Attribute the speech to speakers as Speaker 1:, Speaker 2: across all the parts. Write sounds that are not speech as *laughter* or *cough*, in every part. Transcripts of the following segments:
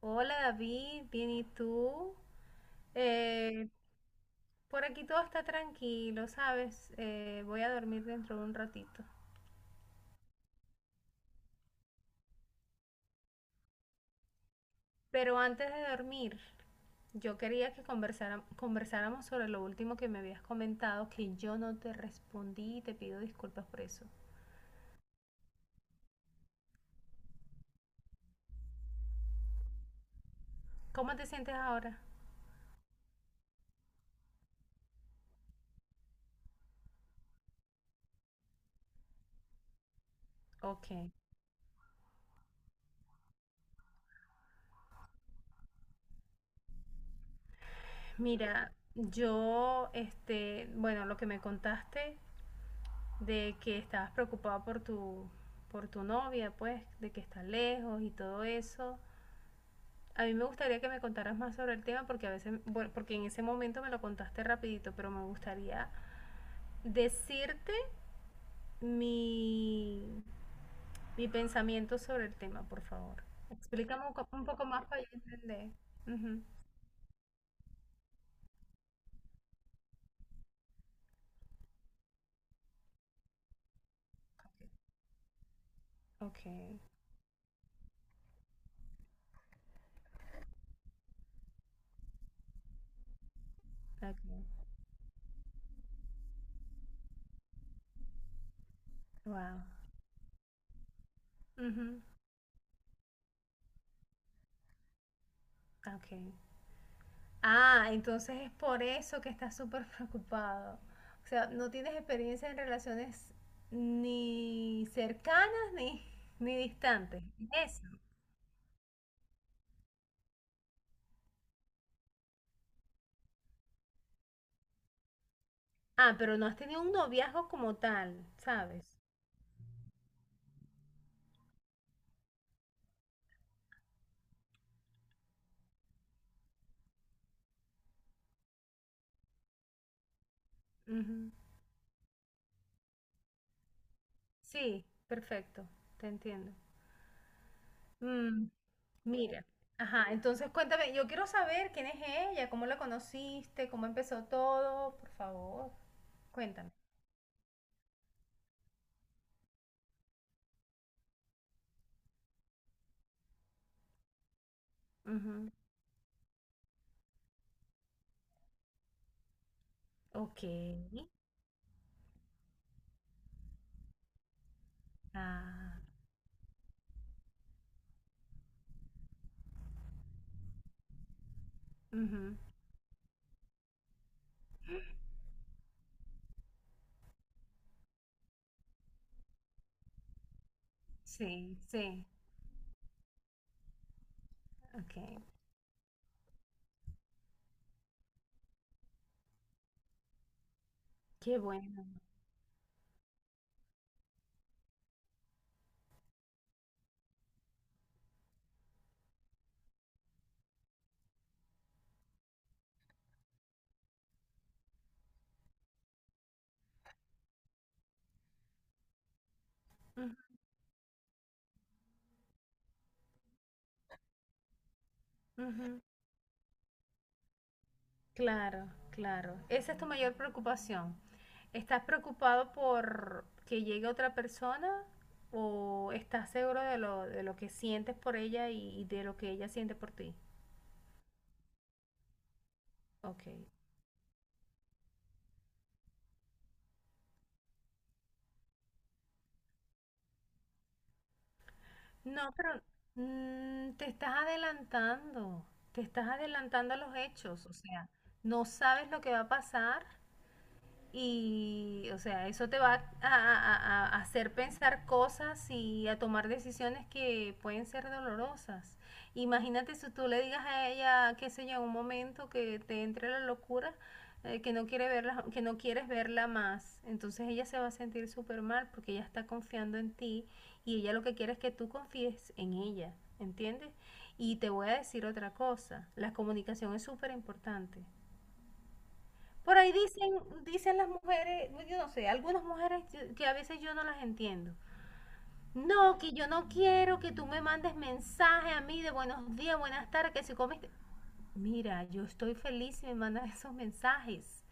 Speaker 1: Hola David, bien, ¿y tú? Eh, por aquí todo está tranquilo, ¿sabes? Voy a dormir dentro de un ratito. Pero antes de dormir, yo quería que conversáramos sobre lo último que me habías comentado, que yo no te respondí y te pido disculpas por eso. ¿Cómo te sientes ahora? Ok. Mira, yo, bueno, lo que me contaste de que estabas preocupada por por tu novia, pues, de que está lejos y todo eso. A mí me gustaría que me contaras más sobre el tema porque a veces, bueno, porque en ese momento me lo contaste rapidito, pero me gustaría decirte mi, mi pensamiento sobre el tema, por favor. Explícame un poco más para yo entender. Ujú. Ok, ok. Wow. Ujú, ok. Ah, entonces es por eso que estás súper *laughs* preocupado. O sea, no tienes experiencia en relaciones ni cercanas ni distantes. ¿Es eso? Ah, pero no has tenido un noviazgo como tal, ¿sabes? Ujú. Sí, perfecto, te entiendo. Mm, mira, ajá, entonces cuéntame, yo quiero saber quién es ella, cómo la conociste, cómo empezó todo, por favor, cuéntame. Ujú. Ok. Ah. Ujú. Sí, ok. Qué bueno. Ujú, ujú. Claro, claro. Esa es tu mayor preocupación. ¿Estás preocupado por que llegue otra persona o estás seguro de de lo que sientes por ella y de lo que ella siente por ti? Ok. No, pero mm, te estás adelantando a los hechos, o sea, no sabes lo que va a pasar. Y, o sea, eso te va a hacer pensar cosas y a tomar decisiones que pueden ser dolorosas. Imagínate si tú le digas a ella, qué sé yo, en un momento que te entre la locura, que no quiere verla, que no quieres verla más. Entonces ella se va a sentir súper mal porque ella está confiando en ti y ella lo que quiere es que tú confíes en ella, ¿entiendes? Y te voy a decir otra cosa, la comunicación es súper importante. Por ahí dicen las mujeres, pues, yo no sé, algunas mujeres que a veces yo no las entiendo. No, que yo no quiero que tú me mandes mensaje a mí de buenos días, buenas tardes, que si comiste. Mira, yo estoy feliz si me mandan *laughs* esos mensajes.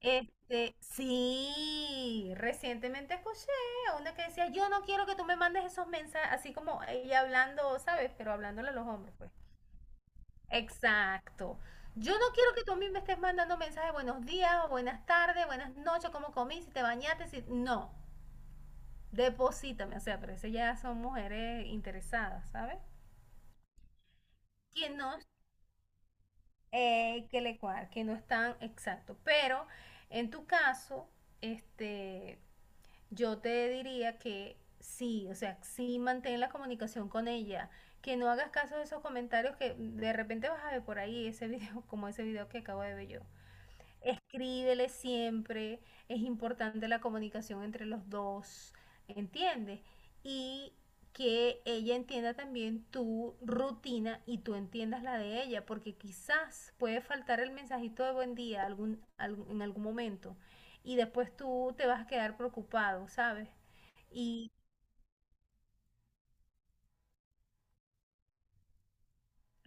Speaker 1: Este, sí, recientemente escuché a una que decía, yo no quiero que tú me mandes esos mensajes, así como ella hablando, ¿sabes? Pero hablándole a los hombres, pues. Exacto. Yo no quiero que tú a mí me estés mandando mensajes buenos días, o buenas tardes, buenas noches, cómo comí, si te bañaste, si... No, deposítame, o sea, pero eso ya son mujeres interesadas, ¿sabes? Que no, que le cual, que no están exacto. Pero en tu caso, este, yo te diría que sí, o sea, sí mantén la comunicación con ella, que no hagas caso de esos comentarios que de repente vas a ver por ahí ese *laughs* video, como ese video que acabo de ver yo. Escríbele siempre, es importante la comunicación entre los dos, ¿entiendes? Y que ella entienda también tu rutina y tú entiendas la de ella, porque quizás puede faltar el mensajito de buen día en algún momento y después tú te vas a quedar preocupado, ¿sabes? Y,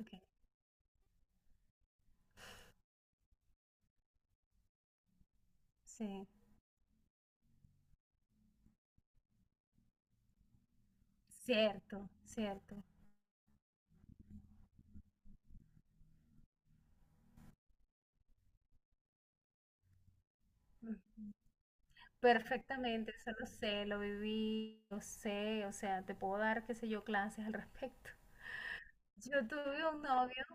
Speaker 1: ok, sí, cierto, cierto. Ujú. Perfectamente, eso lo sé, lo viví, lo sé, o sea, te puedo dar, qué sé yo, clases al respecto. *laughs* Yo tuve un novio,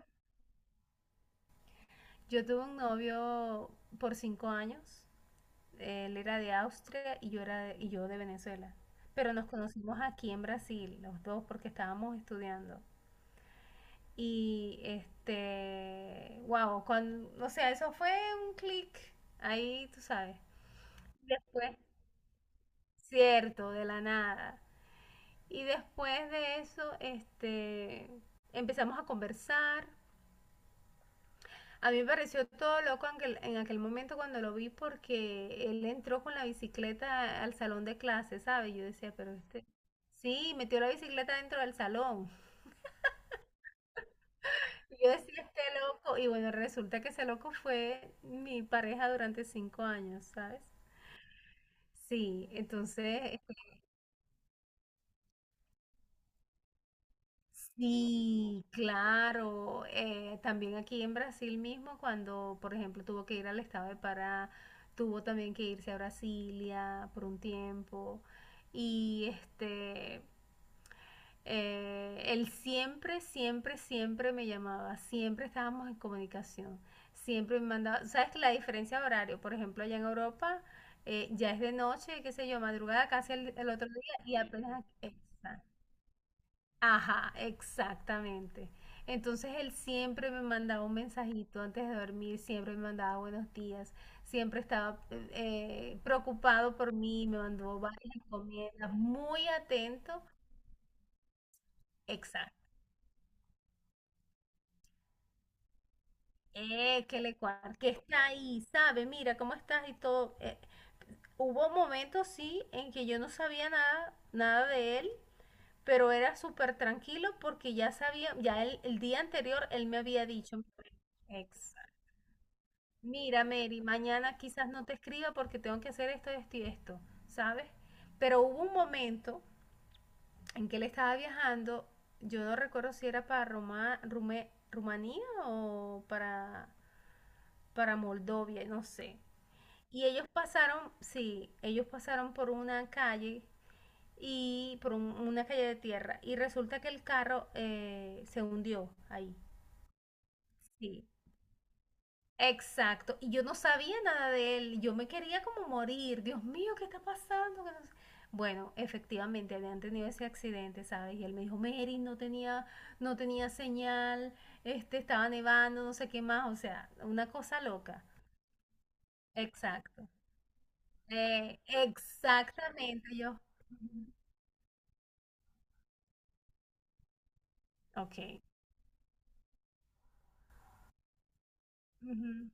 Speaker 1: yo tuve un novio por 5 años, él era de Austria y yo era y yo de Venezuela, pero nos conocimos aquí en Brasil, los dos, porque estábamos estudiando. Y este, wow, cuando, o sea, eso fue un clic, ahí tú sabes. Después, cierto, de la nada. Y después de eso, este, empezamos a conversar. A mí me pareció todo loco en en aquel momento cuando lo vi porque él entró con la bicicleta al salón de clase, ¿sabes? Yo decía, pero este... Sí, metió la bicicleta dentro del salón. Y yo decía, este loco. Y bueno, resulta que ese loco fue mi pareja durante 5 años, ¿sabes? Sí, entonces sí, claro. También aquí en Brasil mismo, cuando, por ejemplo, tuvo que ir al estado de Pará, tuvo también que irse a Brasilia por un tiempo. Y este, él siempre, siempre, siempre me llamaba, siempre estábamos en comunicación, siempre me mandaba, ¿sabes que la diferencia de horario? Por ejemplo, allá en Europa ya es de noche, qué sé yo, madrugada casi el otro día y apenas aquí. Ajá, exactamente. Entonces él siempre me mandaba un mensajito antes de dormir, siempre me mandaba buenos días, siempre estaba preocupado por mí, me mandó varias encomiendas, muy atento. Exacto. Que está ahí, sabe, mira cómo estás y todo. Hubo momentos, sí, en que yo no sabía nada, nada de él, pero era súper tranquilo porque ya sabía, ya el día anterior él me había dicho. Exacto. Mira, Mary, mañana quizás no te escriba porque tengo que hacer esto, esto y esto, ¿sabes? Pero hubo un momento en que él estaba viajando, yo no recuerdo si era para Rumanía o para Moldovia, no sé. Y ellos pasaron, sí, ellos pasaron por una calle y por una calle de tierra y resulta que el carro se hundió ahí, sí. Exacto, y yo no sabía nada de él, yo me quería como morir, Dios mío, ¿qué está pasando? Que no sé- Bueno, efectivamente habían tenido ese accidente, ¿sabes? Y él me dijo, Mary, no tenía señal, este, estaba nevando, no sé qué más, o sea, una cosa loca. Exacto, eh, exactamente, yo. Ujú. Ok. Ujú.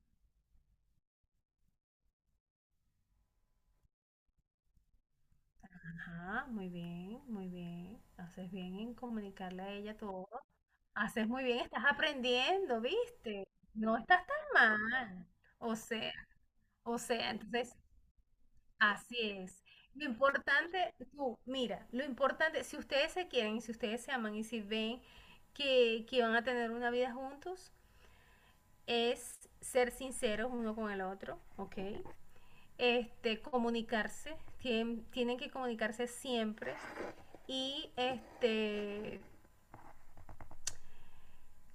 Speaker 1: Ajá, muy bien, muy bien. Haces bien en comunicarle a ella todo. Haces muy bien, estás aprendiendo, ¿viste? No estás tan mal. O sea, o sea, entonces, así es. Lo importante, si ustedes se quieren, si ustedes se aman y si ven que van a tener una vida juntos, es ser sinceros uno con el otro, ¿ok? Este, comunicarse, tienen que comunicarse siempre y este,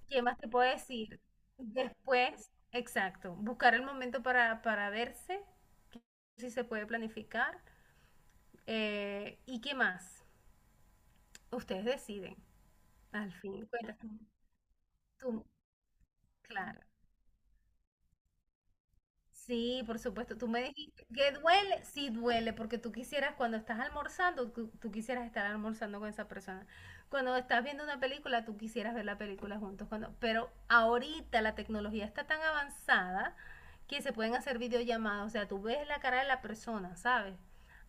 Speaker 1: ¿qué más te puedo decir? Después, exacto, buscar el momento para verse, si se puede planificar. Eh, ¿y qué más? Ustedes deciden, al fin de cuentas, tú, claro. Sí, por supuesto. Tú me dijiste que duele, sí duele, porque tú quisieras, cuando estás almorzando, tú quisieras estar almorzando con esa persona. Cuando estás viendo una película, tú quisieras ver la película juntos. Cuando, pero ahorita la tecnología está tan avanzada que se pueden hacer videollamadas. O sea, tú ves la cara de la persona, ¿sabes?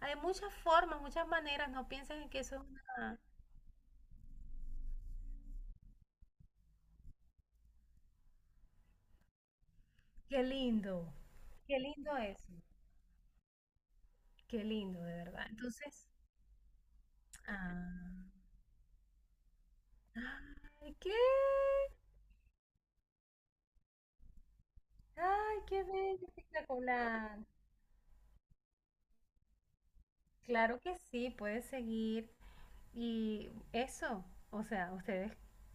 Speaker 1: Hay muchas formas, muchas maneras. No pienses en que eso es una... Qué lindo. Qué lindo eso. Qué lindo, de verdad. Entonces, ah, ay, ¿qué? ¡Ay, qué bello, espectacular! Claro que sí, puedes seguir. Y eso, o sea, ustedes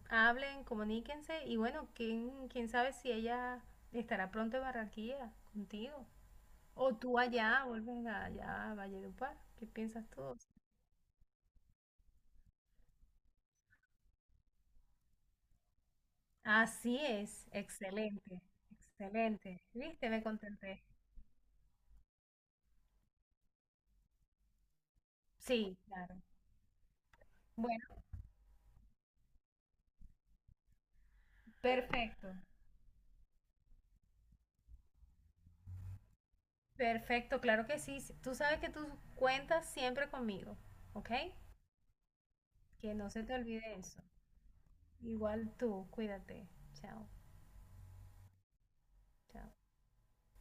Speaker 1: hablen, comuníquense y bueno, quién sabe si ella estará pronto en Barranquilla contigo. O tú allá, vuelves allá a Valledupar. ¿Qué piensas tú? Así es, excelente. ¿Viste? Me contenté. Sí, claro. Bueno, perfecto. Perfecto, claro que sí. Tú sabes que tú cuentas siempre conmigo, ¿ok? Que no se te olvide eso. Igual tú, cuídate. Chao, chao.